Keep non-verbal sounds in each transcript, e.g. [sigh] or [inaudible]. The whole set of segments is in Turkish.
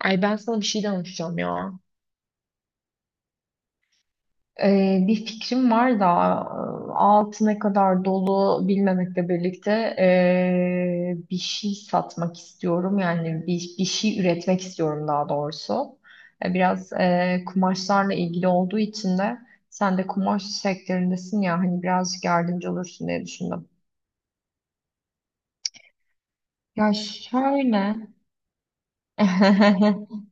Ay ben sana bir şey danışacağım ya. Bir fikrim var da altı ne kadar dolu bilmemekle birlikte bir şey satmak istiyorum. Yani bir şey üretmek istiyorum daha doğrusu. Biraz kumaşlarla ilgili olduğu için de sen de kumaş sektöründesin ya, hani birazcık yardımcı olursun diye düşündüm. Ya şöyle [laughs]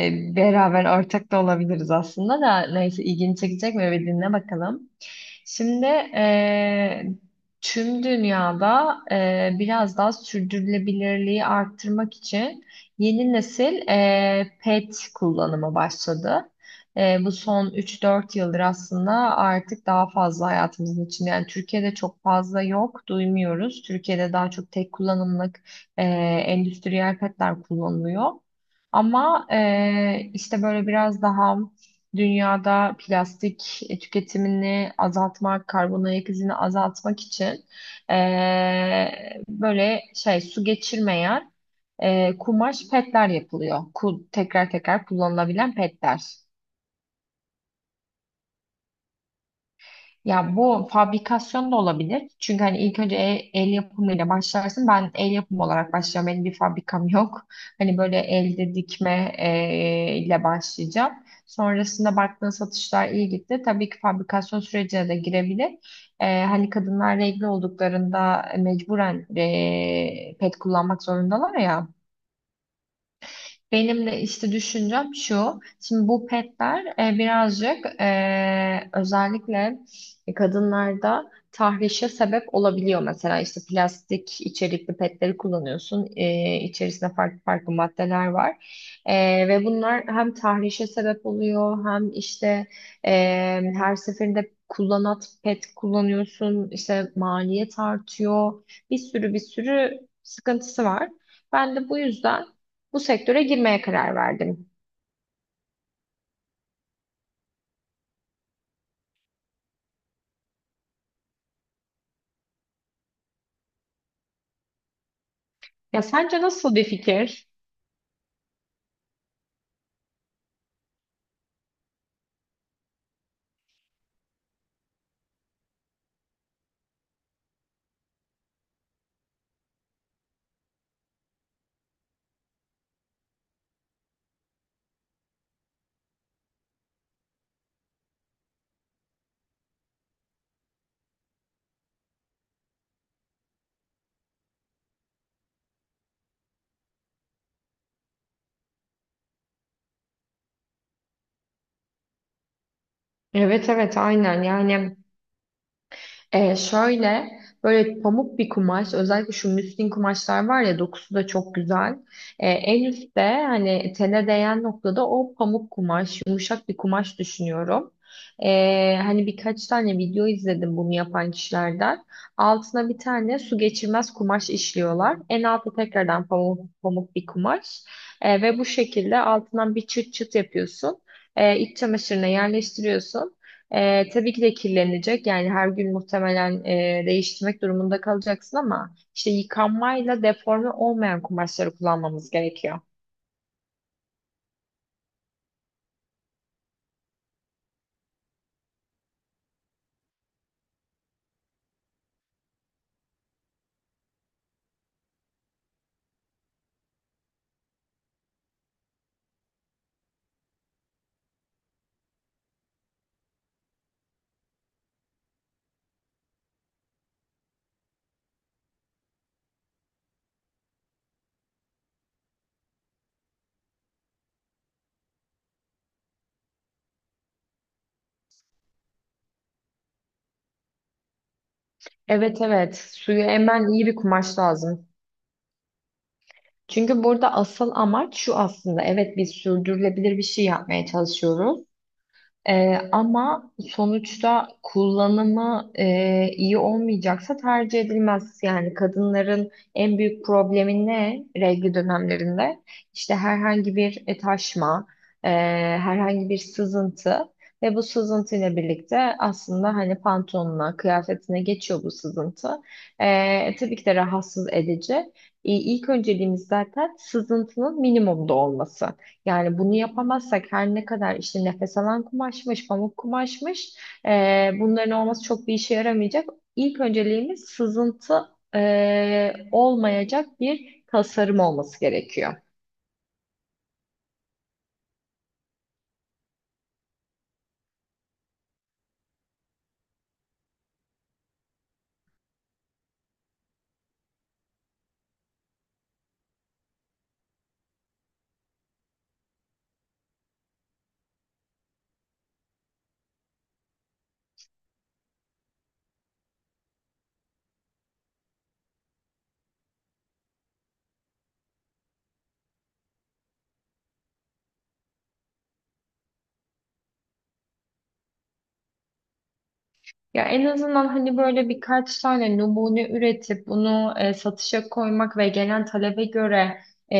beraber ortak da olabiliriz aslında da, neyse ilgini çekecek mi bir dinle bakalım. Şimdi tüm dünyada biraz daha sürdürülebilirliği arttırmak için yeni nesil pet kullanımı başladı. Bu son üç dört yıldır aslında artık daha fazla hayatımızın içinde. Yani Türkiye'de çok fazla yok, duymuyoruz. Türkiye'de daha çok tek kullanımlık eee, endüstriyel petler kullanılıyor. Ama işte böyle biraz daha dünyada plastik tüketimini azaltmak, karbon ayak izini azaltmak için böyle şey su geçirmeyen kumaş petler yapılıyor. Tekrar tekrar kullanılabilen petler. Ya bu fabrikasyon da olabilir. Çünkü hani ilk önce el yapımıyla başlarsın. Ben el yapımı olarak başlayacağım. Benim bir fabrikam yok. Hani böyle elde dikme ile başlayacağım. Sonrasında baktığın satışlar iyi gitti. Tabii ki fabrikasyon sürecine de girebilir. Hani kadınlar regl olduklarında mecburen pet kullanmak zorundalar ya. Benim de işte düşüncem şu. Şimdi bu petler birazcık özellikle kadınlarda tahrişe sebep olabiliyor. Mesela işte plastik içerikli petleri kullanıyorsun. E, içerisinde farklı farklı maddeler var. E, ve bunlar hem tahrişe sebep oluyor hem işte e, her seferinde kullanat pet kullanıyorsun. İşte maliyet artıyor. Bir sürü sıkıntısı var. Ben de bu yüzden bu sektöre girmeye karar verdim. Ya sence nasıl bir fikir? Evet, evet, aynen. Yani şöyle böyle pamuk bir kumaş, özellikle şu müslin kumaşlar var ya, dokusu da çok güzel. En üstte, hani tene değen noktada o pamuk kumaş, yumuşak bir kumaş düşünüyorum. Hani birkaç tane video izledim bunu yapan kişilerden. Altına bir tane su geçirmez kumaş işliyorlar. En altta tekrardan pamuk bir kumaş. Ve bu şekilde altından bir çıt çıt yapıyorsun. İç çamaşırına yerleştiriyorsun. Tabii ki de kirlenecek. Yani her gün muhtemelen değiştirmek durumunda kalacaksın ama işte yıkanmayla deforme olmayan kumaşları kullanmamız gerekiyor. Evet, evet, suyu emen iyi bir kumaş lazım. Çünkü burada asıl amaç şu aslında. Evet, biz sürdürülebilir bir şey yapmaya çalışıyoruz. Ama sonuçta kullanımı iyi olmayacaksa tercih edilmez. Yani kadınların en büyük problemi ne regl dönemlerinde? İşte herhangi bir taşma, e, herhangi bir sızıntı, ve bu sızıntı ile birlikte aslında hani pantolonuna, kıyafetine geçiyor bu sızıntı. Tabii ki de rahatsız edici. İlk önceliğimiz zaten sızıntının minimumda olması. Yani bunu yapamazsak, her ne kadar işte nefes alan kumaşmış, pamuk kumaşmış, bunların olması çok bir işe yaramayacak. İlk önceliğimiz sızıntı olmayacak bir tasarım olması gerekiyor. Ya en azından hani böyle birkaç tane numune üretip bunu satışa koymak ve gelen talebe göre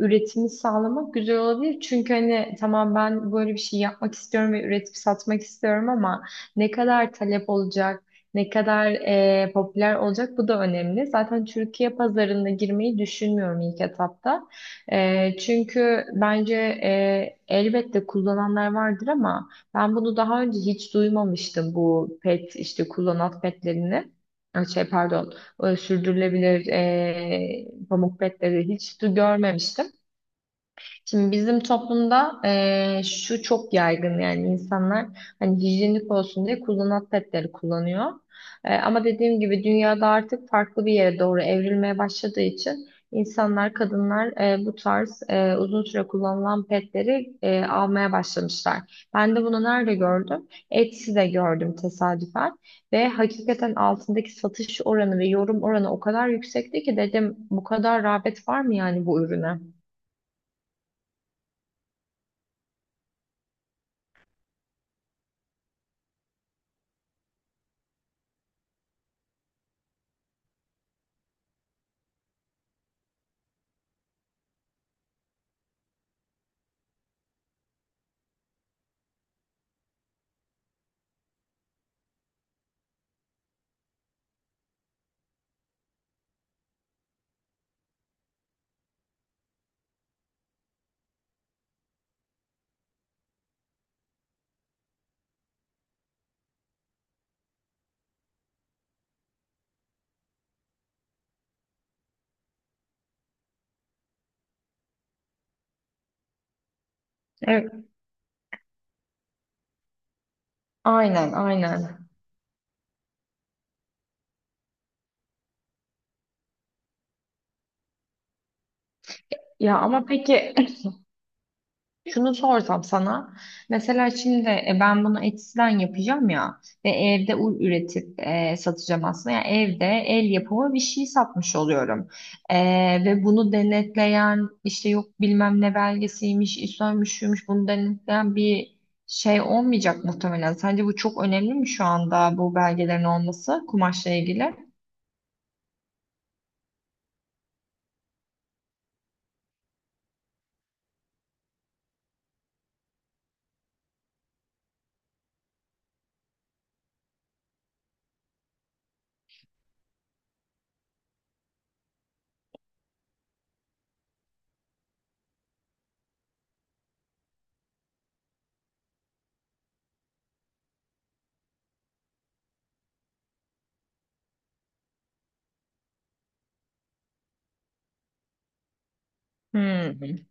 üretimi sağlamak güzel olabilir. Çünkü hani tamam, ben böyle bir şey yapmak istiyorum ve üretip satmak istiyorum ama ne kadar talep olacak, ne kadar popüler olacak bu da önemli. Zaten Türkiye pazarına girmeyi düşünmüyorum ilk etapta. E, çünkü bence elbette kullananlar vardır ama ben bunu daha önce hiç duymamıştım, bu pet, işte kullanat petlerini. Ay, şey, pardon, sürdürülebilir pamuk petleri hiç görmemiştim. Şimdi bizim toplumda şu çok yaygın, yani insanlar hani hijyenik olsun diye kullanat petleri kullanıyor. Ama dediğim gibi dünyada artık farklı bir yere doğru evrilmeye başladığı için insanlar, kadınlar bu tarz uzun süre kullanılan petleri almaya başlamışlar. Ben de bunu nerede gördüm? Etsy'de gördüm tesadüfen, ve hakikaten altındaki satış oranı ve yorum oranı o kadar yüksekti ki dedim, bu kadar rağbet var mı yani bu ürüne? Aynen, aynen. Ya ama peki, [laughs] şunu sorsam sana. Mesela şimdi ben bunu Etsy'den yapacağım ya ve evde üretip satacağım aslında. Yani evde el yapımı bir şey satmış oluyorum. E, ve bunu denetleyen işte yok bilmem ne belgesiymiş, İSO'ymuş, şuymuş, bunu denetleyen bir şey olmayacak muhtemelen. Sence bu çok önemli mi şu anda bu belgelerin olması kumaşla ilgili? Hmm.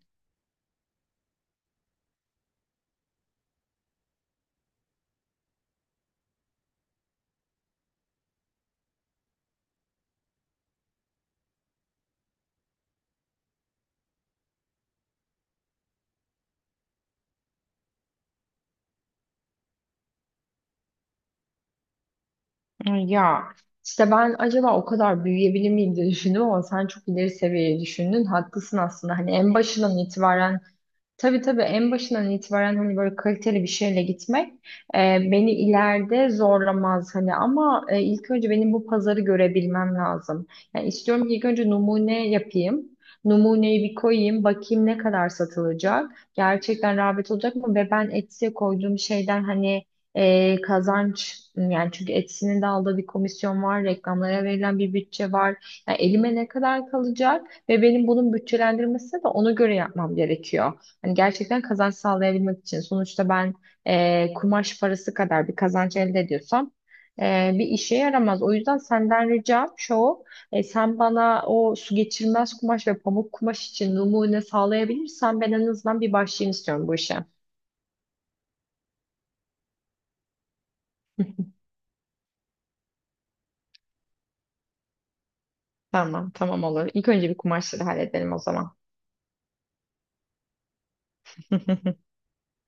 Ya işte ben acaba o kadar büyüyebilir miyim diye düşündüm ama sen çok ileri seviyeye düşündün. Haklısın aslında. Hani en başından itibaren. Tabii, tabii, en başından itibaren hani böyle kaliteli bir şeyle gitmek e, beni ileride zorlamaz hani, ama ilk önce benim bu pazarı görebilmem lazım. Yani istiyorum ki ilk önce numune yapayım. Numuneyi bir koyayım, bakayım ne kadar satılacak. Gerçekten rağbet olacak mı? Ve ben Etsy'e koyduğum şeyden hani kazanç, yani çünkü Etsy'nin de aldığı bir komisyon var, reklamlara verilen bir bütçe var. Yani elime ne kadar kalacak ve benim bunun bütçelendirmesi de ona göre yapmam gerekiyor. Hani gerçekten kazanç sağlayabilmek için. Sonuçta ben kumaş parası kadar bir kazanç elde ediyorsam bir işe yaramaz. O yüzden senden ricam şu, sen bana o su geçirmez kumaş ve pamuk kumaş için numune sağlayabilirsen ben en azından bir başlayayım istiyorum bu işe. [laughs] Tamam, tamam, olur. İlk önce bir kumaşları halledelim o zaman. [laughs]